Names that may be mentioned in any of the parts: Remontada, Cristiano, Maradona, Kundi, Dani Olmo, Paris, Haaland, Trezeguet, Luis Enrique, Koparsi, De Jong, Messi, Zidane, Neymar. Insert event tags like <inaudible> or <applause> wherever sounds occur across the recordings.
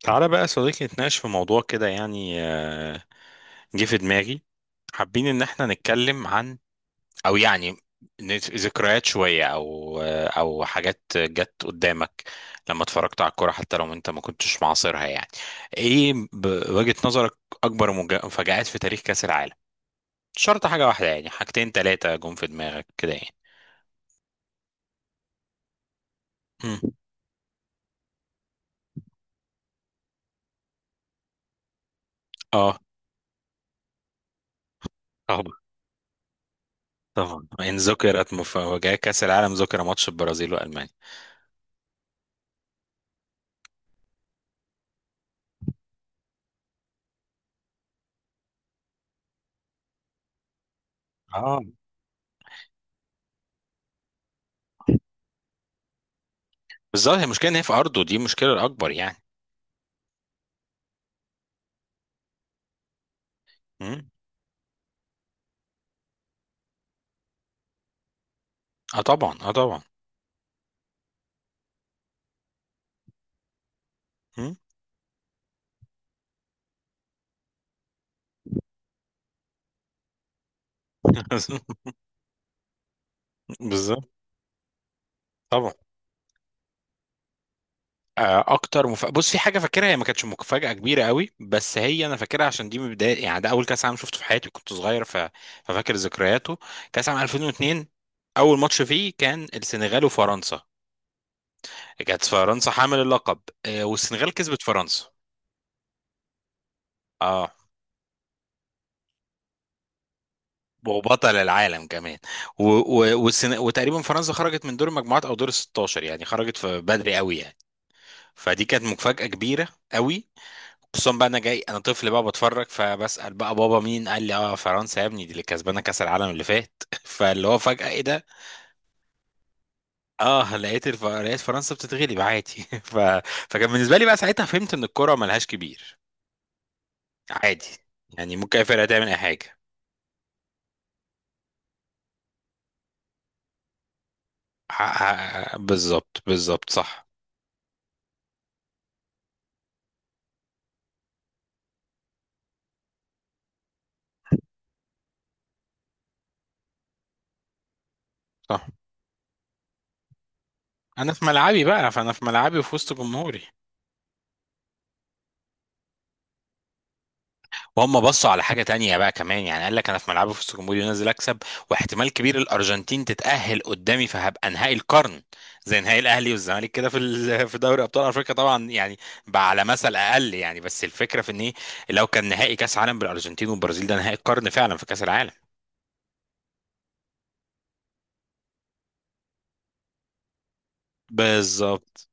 تعالى بقى يا صديقي، نتناقش في موضوع كده يعني جه في دماغي. حابين ان احنا نتكلم عن، او يعني ذكريات شوية، او او حاجات جت قدامك لما اتفرجت على الكورة حتى لو انت ما كنتش معاصرها. يعني ايه بوجهة نظرك اكبر مفاجآت في تاريخ كأس العالم؟ مش شرط حاجة واحدة، يعني حاجتين تلاتة جم في دماغك كده يعني. مم. اه، طبعا طبعا. ان ذكرت مفاجأة كأس العالم ذكر ماتش البرازيل والمانيا. اه، بالظبط، هي المشكله ان هي في ارضه، دي المشكله الاكبر يعني. مم. اه طبعا، اه طبعا. مم. <laughs> بالظبط. طبعا. بص، في حاجه فاكرها، هي ما كانتش مفاجاه كبيره قوي، بس هي انا فاكرها عشان دي من بدايه، يعني ده اول كاس عالم شفته في حياتي، كنت صغير ففاكر ذكرياته. كاس عام 2002، اول ماتش فيه كان السنغال وفرنسا، كانت فرنسا حامل اللقب، والسنغال كسبت فرنسا. اه، وبطل العالم كمان. وتقريبا فرنسا خرجت من دور المجموعات او دور ال 16، يعني خرجت في بدري قوي يعني. فدي كانت مفاجأة كبيرة قوي، خصوصا بقى انا جاي انا طفل بقى بتفرج، فبسأل بقى بابا، مين؟ قال لي اه فرنسا يا ابني، دي اللي كسبانة كأس العالم اللي فات. <laughs> فاللي هو فجأة ايه ده؟ اه، لقيت فرنسا بتتغلب عادي. <laughs> ف... فكان بالنسبة لي بقى ساعتها فهمت ان الكرة ملهاش كبير. عادي، يعني ممكن اي فرقة تعمل اي حاجة. بالظبط بالظبط، صح. صح، انا في ملعبي بقى، فانا في ملعبي وفي وسط جمهوري. وهم بصوا على حاجة تانية بقى كمان، يعني قال لك أنا في ملعبي، في وسط جمهوري، ونازل أكسب، واحتمال كبير الأرجنتين تتأهل قدامي، فهبقى نهائي القرن. زي نهائي الأهلي والزمالك كده في <laughs> في دوري أبطال أفريقيا طبعا يعني، بقى على مثل أقل يعني. بس الفكرة في إن إيه، لو كان نهائي كأس عالم بالأرجنتين والبرازيل، ده نهائي القرن فعلا في كأس العالم. بالظبط،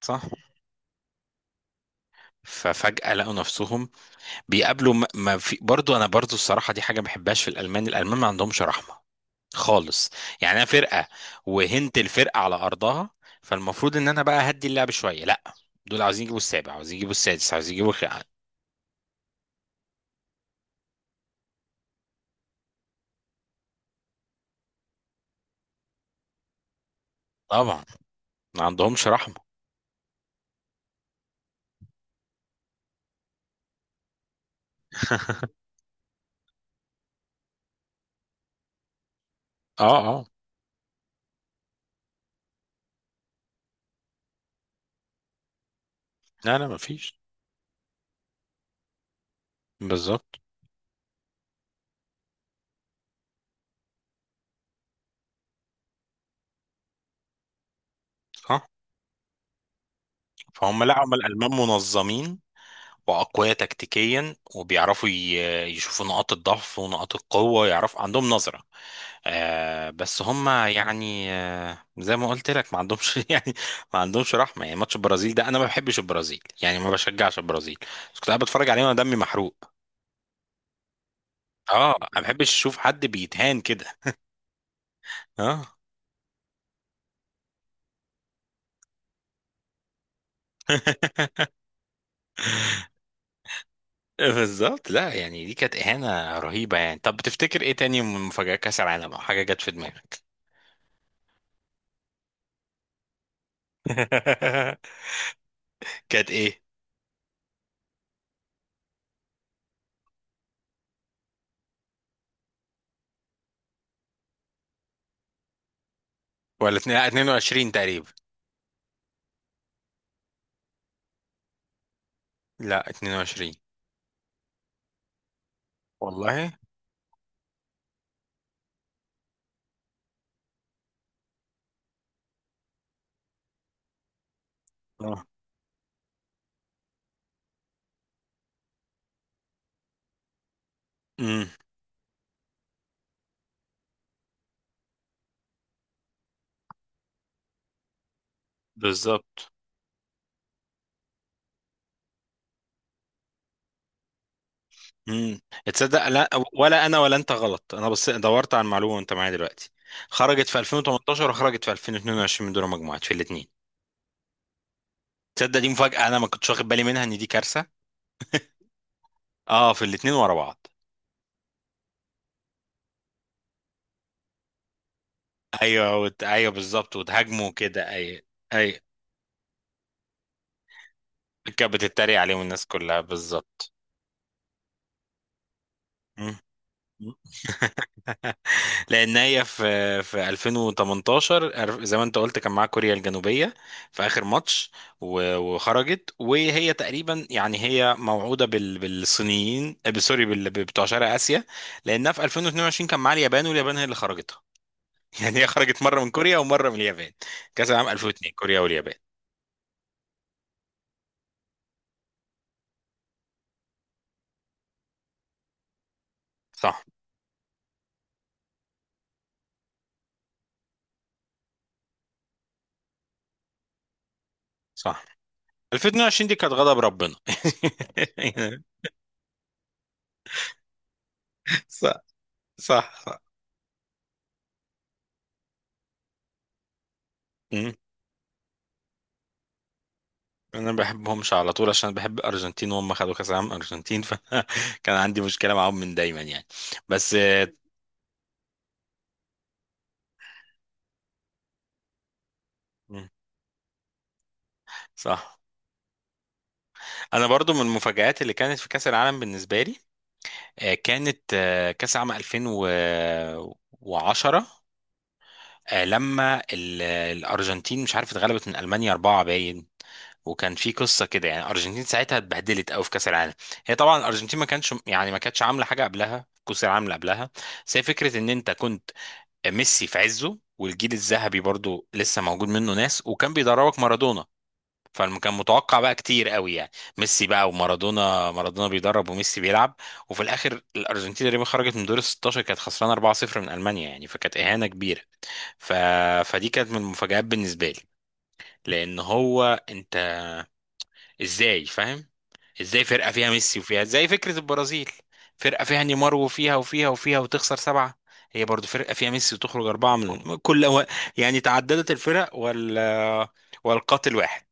صح. ففجأة لقوا نفسهم بيقابلوا ما في. برضو أنا برضو الصراحة دي حاجة ما بحبهاش في الألمان، الألمان ما عندهمش رحمة خالص. يعني انا فرقه وهنت الفرقه على ارضها، فالمفروض ان انا بقى هدي اللعب شويه. لا، دول عاوزين يجيبوا السابع، عاوزين يجيبوا السادس، عاوزين يجيبوا طبعا، ما عندهمش رحمه. <laughs> اه اه. لا لا، ما فيش. بالظبط. اه، فهم، لا هم الالمان منظمين واقوياء تكتيكيا وبيعرفوا يشوفوا نقاط الضعف ونقاط القوه، يعرفوا، عندهم نظره. بس هم يعني زي ما قلت لك ما عندهمش، <laughs> يعني ما عندهمش رحمه. يعني ماتش البرازيل ده، انا ما بحبش البرازيل يعني، ما بشجعش البرازيل، بس كنت قاعد بتفرج عليه وانا دمي محروق. اه، ما بحبش اشوف حد بيتهان كده. اه. <laughs> بالظبط. لا يعني دي كانت اهانه رهيبه يعني. طب بتفتكر ايه تاني من مفاجات كاس العالم او حاجه جت في دماغك؟ <laughs> كانت ايه؟ لا، 22 تقريبا. لا 22. والله. اه. امم بالظبط. امم تصدق؟ لا ولا انا ولا انت غلط، انا بس دورت على المعلومه وانت معايا دلوقتي. خرجت في 2018 وخرجت في 2022 من دور المجموعات في الاثنين. تصدق دي مفاجاه، انا ما كنتش واخد بالي منها، ان دي كارثه. اه، في الاثنين ورا بعض. ايوه ايوه بالظبط، وتهاجموا كده. اي، اي، كانت بتتريق عليهم الناس كلها، بالظبط. مم. لان هي في 2018 زي ما انت قلت كان معاها كوريا الجنوبيه في اخر ماتش، وخرجت وهي تقريبا يعني هي موعوده بالصينيين، سوري بتوع شرق اسيا، لانها في 2022 كان معاها اليابان، واليابان هي اللي خرجتها. <laughs> يعني هي خرجت مره من كوريا ومره من اليابان. كاس العالم 2002 كوريا واليابان. صح. صح. 2022 دي كانت غضب ربنا. <laughs> صح. صح صح. انا ما بحبهمش على طول عشان بحب الارجنتين، وهم خدوا كاس العالم ارجنتين. <laughs> فكان عندي مشكله معاهم من دايما يعني. بس مم، صح. انا برضو من المفاجآت اللي كانت في كاس العالم بالنسبه لي كانت كاس العالم 2010، لما الارجنتين مش عارف اتغلبت من المانيا اربعه باين. وكان في قصه كده يعني، الارجنتين ساعتها اتبهدلت قوي في كاس العالم. هي طبعا الارجنتين ما كانش يعني ما كانتش عامله حاجه قبلها في كاس العالم اللي قبلها، بس هي فكره ان انت كنت، ميسي في عزه، والجيل الذهبي برضو لسه موجود منه ناس، وكان بيدربك مارادونا، فكان متوقع بقى كتير قوي يعني. ميسي بقى ومارادونا، مارادونا بيدرب وميسي بيلعب. وفي الاخر الارجنتين تقريبا خرجت من دور ال 16، كانت خسرانه 4-0 من المانيا، يعني فكانت اهانه كبيره. ف... فدي كانت من المفاجآت بالنسبه لي. لان هو، انت ازاي فاهم، ازاي فرقه فيها ميسي، وفيها زي فكره البرازيل، فرقه فيها نيمار وفيها وفيها وفيها وتخسر سبعه. هي برضو فرقه فيها ميسي وتخرج اربعه من <laughs> كل يعني تعددت الفرق والقاتل واحد.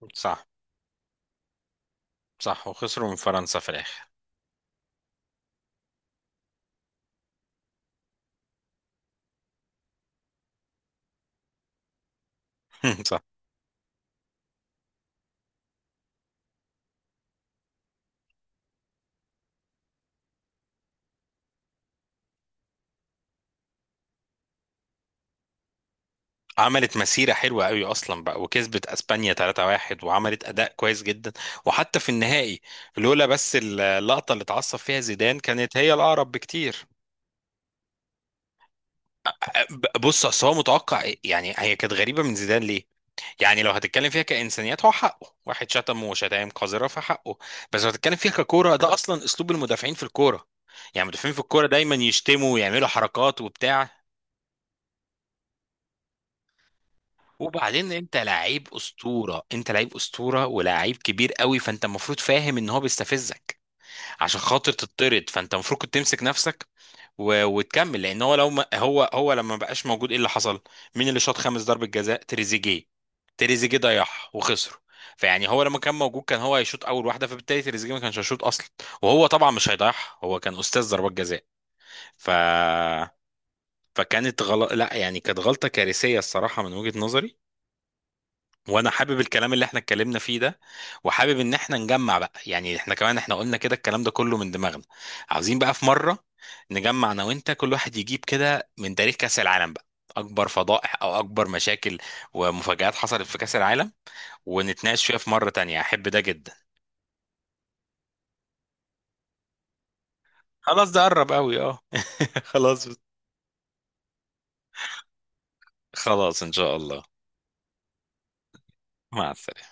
<laughs> صح. صح، وخسروا من فرنسا في الاخر. <laughs> صح. عملت مسيرة حلوة قوي أصلا بقى، وكسبت أسبانيا 3-1 وعملت أداء كويس جدا، وحتى في النهائي، لولا بس اللقطة اللي اتعصب فيها زيدان كانت هي الأقرب بكتير. بص، اصل هو متوقع إيه؟ يعني هي كانت غريبه من زيدان ليه؟ يعني لو هتتكلم فيها كانسانيات، هو حقه، واحد شتمه وشتايم قذره، فحقه. بس لو هتتكلم فيها ككوره، ده اصلا اسلوب المدافعين في الكوره، يعني المدافعين في الكوره دايما يشتموا ويعملوا حركات وبتاع. وبعدين انت لعيب اسطوره، انت لعيب اسطوره ولاعيب كبير قوي، فانت المفروض فاهم ان هو بيستفزك عشان خاطر تطرد، فانت المفروض كنت تمسك نفسك وتكمل. لان هو لو ما... هو لما ما بقاش موجود ايه اللي حصل؟ مين اللي شاط خامس ضربة جزاء؟ تريزيجيه. تريزيجيه ضيعها وخسروا. فيعني هو لما كان موجود كان هو هيشوط اول واحده، فبالتالي تريزيجيه ما كانش هيشوط اصلا، وهو طبعا مش هيضيعها، هو كان استاذ ضربات جزاء. ف فكانت غلط. لا يعني كانت غلطه كارثيه الصراحه من وجهه نظري. وانا حابب الكلام اللي احنا اتكلمنا فيه ده، وحابب ان احنا نجمع بقى يعني، احنا كمان احنا قلنا كده الكلام ده كله من دماغنا. عاوزين بقى في مرة نجمع انا وانت، كل واحد يجيب كده من تاريخ كأس العالم بقى اكبر فضائح او اكبر مشاكل ومفاجآت حصلت في كأس العالم، ونتناقش فيها في مرة تانية. احب ده جدا. خلاص، ده قرب قوي، اه. <laughs> خلاص. خلاص ان شاء الله. مع السلامة.